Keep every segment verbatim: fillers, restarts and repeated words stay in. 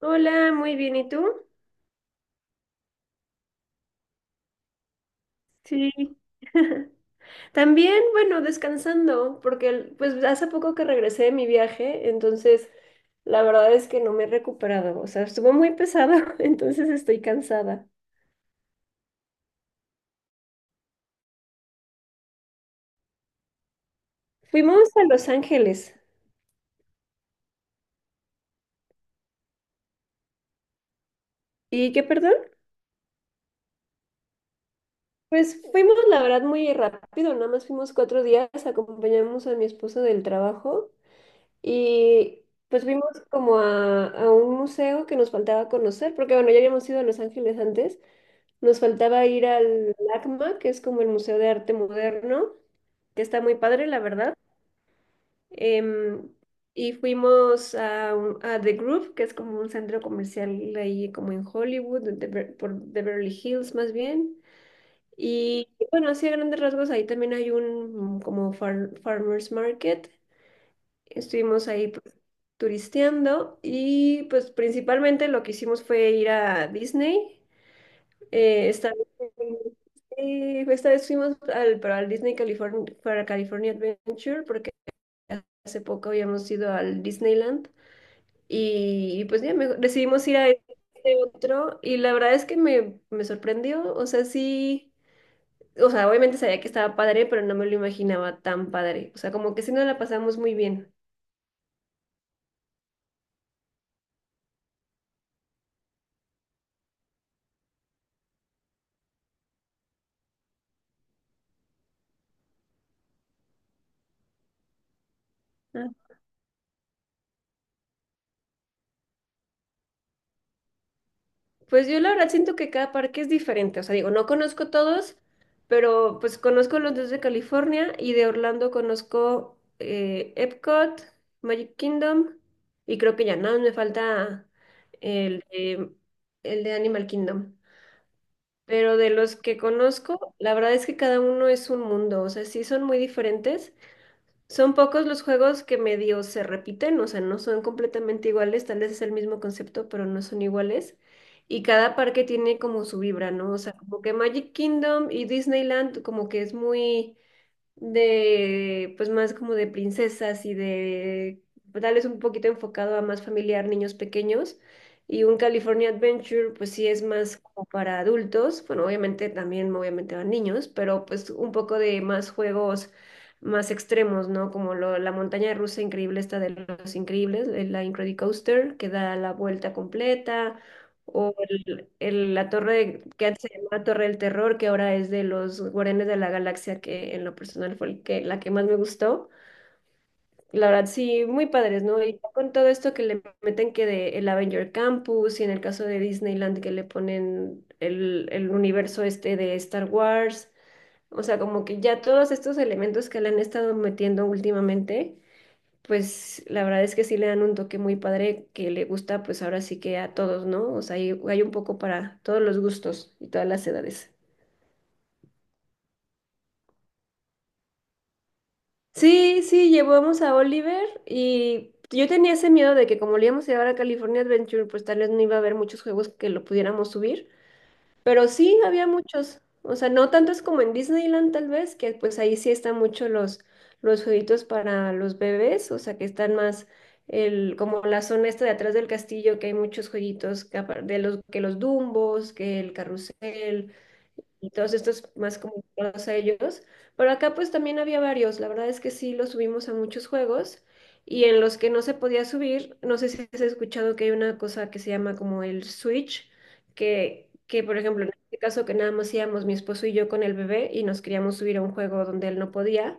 Hola, muy bien, ¿y tú? Sí, también, bueno, descansando, porque el- pues hace poco que regresé de mi viaje, entonces la verdad es que no me he recuperado, o sea, estuvo muy pesado, entonces estoy cansada. Fuimos a Los Ángeles. ¿Y qué, perdón? Pues fuimos, la verdad, muy rápido, nada más fuimos cuatro días, acompañamos a mi esposo del trabajo y pues fuimos como a, a un museo que nos faltaba conocer, porque bueno, ya habíamos ido a Los Ángeles antes. Nos faltaba ir al LACMA, que es como el Museo de Arte Moderno, que está muy padre, la verdad. Em, y fuimos a, un- a The Groove, que es como un centro comercial ahí como en Hollywood, de Be- por Beverly Hills más bien. Y bueno, así a grandes rasgos, ahí también hay un mm, como far- farmers market. Estuvimos ahí pues, turisteando y pues principalmente lo que hicimos fue ir a Disney. Eh, esta vez, eh, esta vez fuimos al, para el Disney California, para California Adventure porque hace poco habíamos ido al Disneyland y, y pues ya me- decidimos ir a este otro y la verdad es que me, me sorprendió, o sea, sí, o sea, obviamente sabía que estaba padre, pero no me lo imaginaba tan padre, o sea, como que sí nos la pasamos muy bien. Pues yo la verdad siento que cada parque es diferente, o sea, digo, no conozco todos, pero pues conozco los dos de California y de Orlando conozco eh, Epcot, Magic Kingdom y creo que ya nada, más me falta el de, el de Animal Kingdom. Pero de los que conozco, la verdad es que cada uno es un mundo, o sea, sí son muy diferentes, son pocos los juegos que medio se repiten, o sea, no son completamente iguales, tal vez es el mismo concepto, pero no son iguales. Y cada parque tiene como su vibra, ¿no? O sea, como que Magic Kingdom y Disneyland como que es muy de, pues más como de princesas y de, pues, tal vez un poquito enfocado a más familiar, niños pequeños. Y un California Adventure, pues sí es más como para adultos. Bueno, obviamente también, obviamente van niños, pero pues un poco de más juegos más extremos, ¿no? Como lo- la montaña rusa increíble, esta de los increíbles, de la Incredicoaster, que da la vuelta completa o el- el- la torre de- que antes se llamaba Torre del Terror, que ahora es de los Guardianes de la Galaxia, que en lo personal fue el que, la que más me gustó. La verdad, sí, muy padres, ¿no? Y ya con todo esto que le meten que de el Avenger Campus y en el caso de Disneyland que le ponen el, el universo este de Star Wars, o sea, como que ya todos estos elementos que le han estado metiendo últimamente pues la verdad es que sí le dan un toque muy padre que le gusta pues ahora sí que a todos, ¿no? O sea, hay, hay un poco para todos los gustos y todas las edades. Sí, sí, llevamos a Oliver y yo tenía ese miedo de que como le íbamos a llevar a California Adventure, pues tal vez no iba a haber muchos juegos que lo pudiéramos subir, pero sí, había muchos. O sea, no tantos como en Disneyland tal vez, que pues ahí sí están mucho los, los jueguitos para los bebés, o sea, que están más el, como la zona esta de atrás del castillo, que hay muchos jueguitos que apar- de los, que los Dumbos, que el carrusel, y todos estos más comunicados a ellos. Pero acá pues también había varios, la verdad es que sí los subimos a muchos juegos y en los que no se podía subir, no sé si has escuchado que hay una cosa que se llama como el switch, que, que por ejemplo en este caso que nada más íbamos mi esposo y yo con el bebé y nos queríamos subir a un juego donde él no podía.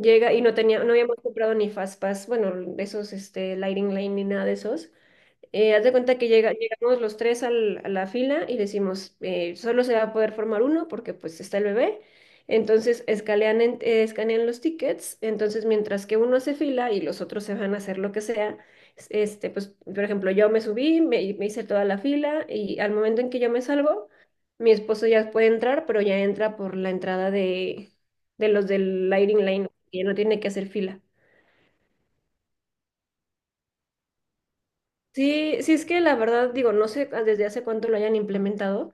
Llega y no tenía, no habíamos comprado ni Fastpass, bueno, de esos, este, Lightning Lane ni nada de esos. Eh, haz de cuenta que llega, llegamos los tres al- a la fila y decimos, eh, solo se va a poder formar uno porque pues está el bebé. Entonces escanean, en- eh, escanean los tickets, entonces mientras que uno hace fila y los otros se van a hacer lo que sea, es- este, pues por ejemplo yo me subí, me, me hice toda la fila y al momento en que yo me salgo, mi esposo ya puede entrar, pero ya entra por la entrada de, de los del Lighting Lane, que ya no tiene que hacer fila. Sí, sí es que la verdad digo, no sé desde hace cuánto lo hayan implementado.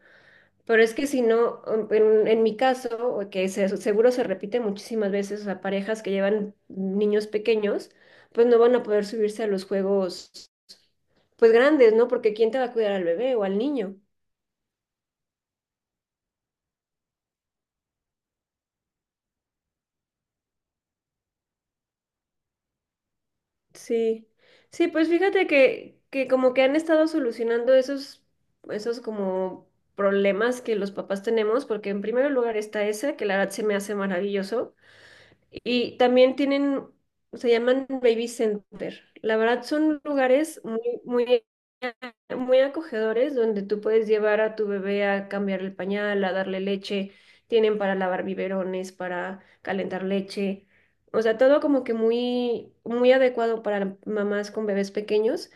Pero es que si no, um, en, en mi caso, o que se- seguro se repite muchísimas veces a parejas que llevan niños pequeños, pues no van a poder subirse a los juegos pues grandes, ¿no? Porque ¿quién te va a cuidar al bebé o al niño? Sí, sí, pues fíjate que, que como que han estado solucionando esos, esos como problemas que los papás tenemos, porque en primer lugar está ese, que la verdad se me hace maravilloso. Y también tienen, se llaman Baby Center. La verdad son lugares muy, muy, muy acogedores donde tú puedes llevar a tu bebé a cambiar el pañal, a darle leche. Tienen para lavar biberones, para calentar leche. O sea, todo como que muy, muy adecuado para mamás con bebés pequeños.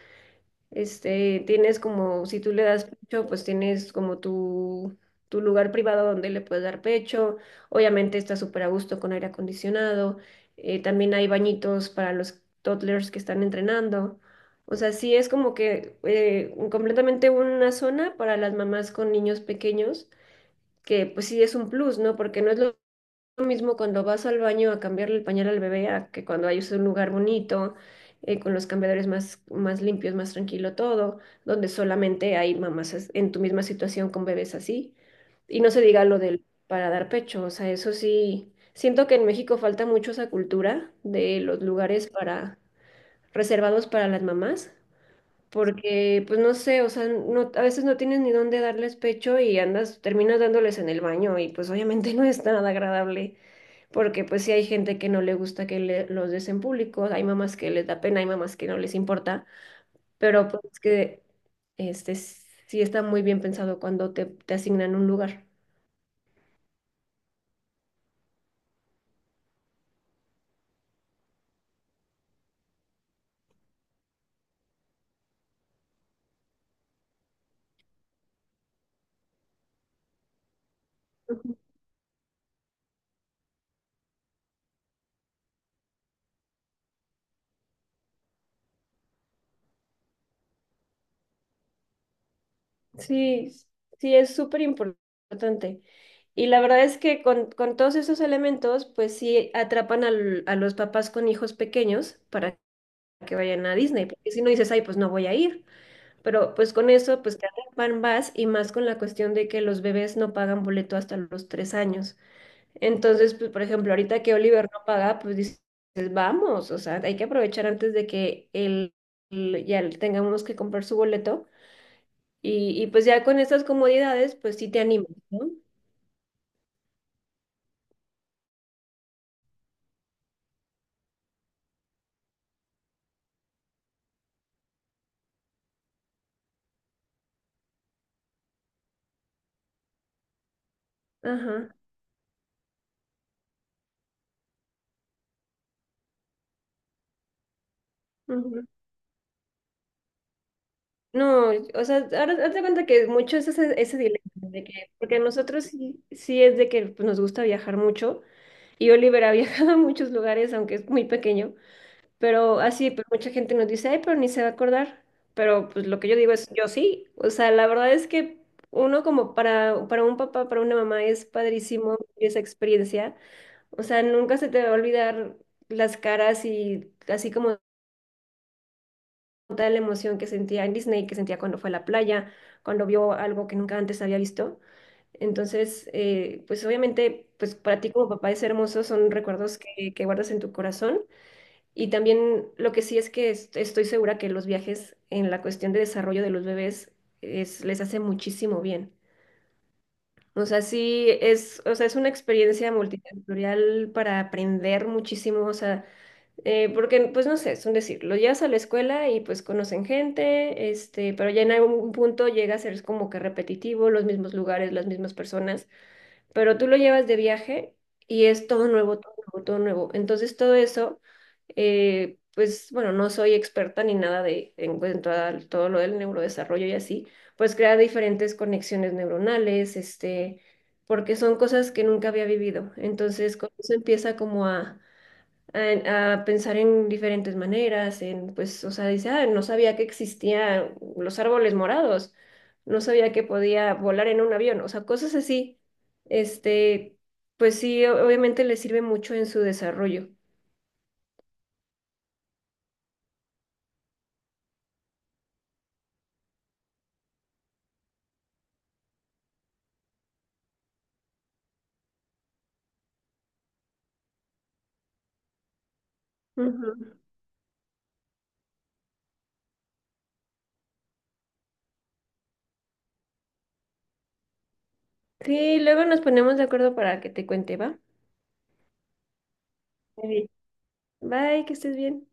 Este, tienes como, si tú le das pecho, pues tienes como tu, tu lugar privado donde le puedes dar pecho. Obviamente está súper a gusto con aire acondicionado. Eh, también hay bañitos para los toddlers que están entrenando. O sea, sí es como que eh, un- completamente una zona para las mamás con niños pequeños, que pues sí es un plus, ¿no? Porque no es lo lo mismo cuando vas al baño a cambiarle el pañal al bebé a que cuando hay un lugar bonito, eh, con los cambiadores más, más limpios, más tranquilo todo, donde solamente hay mamás as- en tu misma situación con bebés así. Y no se diga lo del para dar pecho, o sea, eso sí, siento que en México falta mucho esa cultura de los lugares para reservados para las mamás. Porque, pues no sé, o sea, no, a veces no tienes ni dónde darles pecho y andas, terminas dándoles en el baño y pues obviamente no es nada agradable porque pues sí hay gente que no le gusta que le- los des en público, hay mamás que les da pena, hay mamás que no les importa, pero pues que este sí está muy bien pensado cuando te, te asignan un lugar. Ujú. Sí, sí es súper importante. Y la verdad es que con, con todos esos elementos, pues sí atrapan al- a los papás con hijos pequeños para que vayan a Disney, porque si no dices, ay, pues no voy a ir. Pero pues con eso, pues cada van más y más con la cuestión de que los bebés no pagan boleto hasta los tres años. Entonces, pues por ejemplo, ahorita que Oliver no paga, pues dices, vamos, o sea, hay que aprovechar antes de que él, él- ya le tengamos que comprar su boleto. Y, y pues ya con esas comodidades, pues sí te animas, ¿no? Ajá. No, o sea, ahora hazte cuenta que mucho es ese, ese dilema, de que, porque a nosotros sí, sí es de que pues, nos gusta viajar mucho, y Oliver ha viajado a muchos lugares, aunque es muy pequeño, pero así, pues mucha gente nos dice, ay, pero ni se va a acordar, pero pues lo que yo digo es, yo sí, o sea, la verdad es que uno como para, para un papá, para una mamá es padrísimo esa experiencia, o sea, nunca se te va a olvidar las caras y así como toda la emoción que sentía en Disney, que sentía cuando fue a la playa, cuando vio algo que nunca antes había visto. Entonces, eh, pues obviamente, pues para ti como papá es hermoso, son recuerdos que, que guardas en tu corazón. Y también lo que sí es que est- estoy segura que los viajes en la cuestión de desarrollo de los bebés es, les hace muchísimo bien. O sea, sí es, o sea, es una experiencia multisensorial para aprender muchísimo, o sea, eh, porque, pues no sé, es un decir, lo llevas a la escuela y pues conocen gente, este, pero ya en algún punto llega a ser como que repetitivo, los mismos lugares, las mismas personas, pero tú lo llevas de viaje y es todo nuevo, todo nuevo, todo nuevo. Entonces todo eso, eh, pues bueno, no soy experta ni nada de en cuanto a todo lo del neurodesarrollo y así, pues crea diferentes conexiones neuronales, este, porque son cosas que nunca había vivido. Entonces con eso empieza como a en- a pensar en diferentes maneras, en, pues, o sea, dice, ah, no sabía que existían los árboles morados, no sabía que podía volar en un avión, o sea, cosas así, este, pues sí, o- obviamente le sirve mucho en su desarrollo. Ujú. Sí, luego nos ponemos de acuerdo para que te cuente, ¿va? Muy bien. Bye, que estés bien.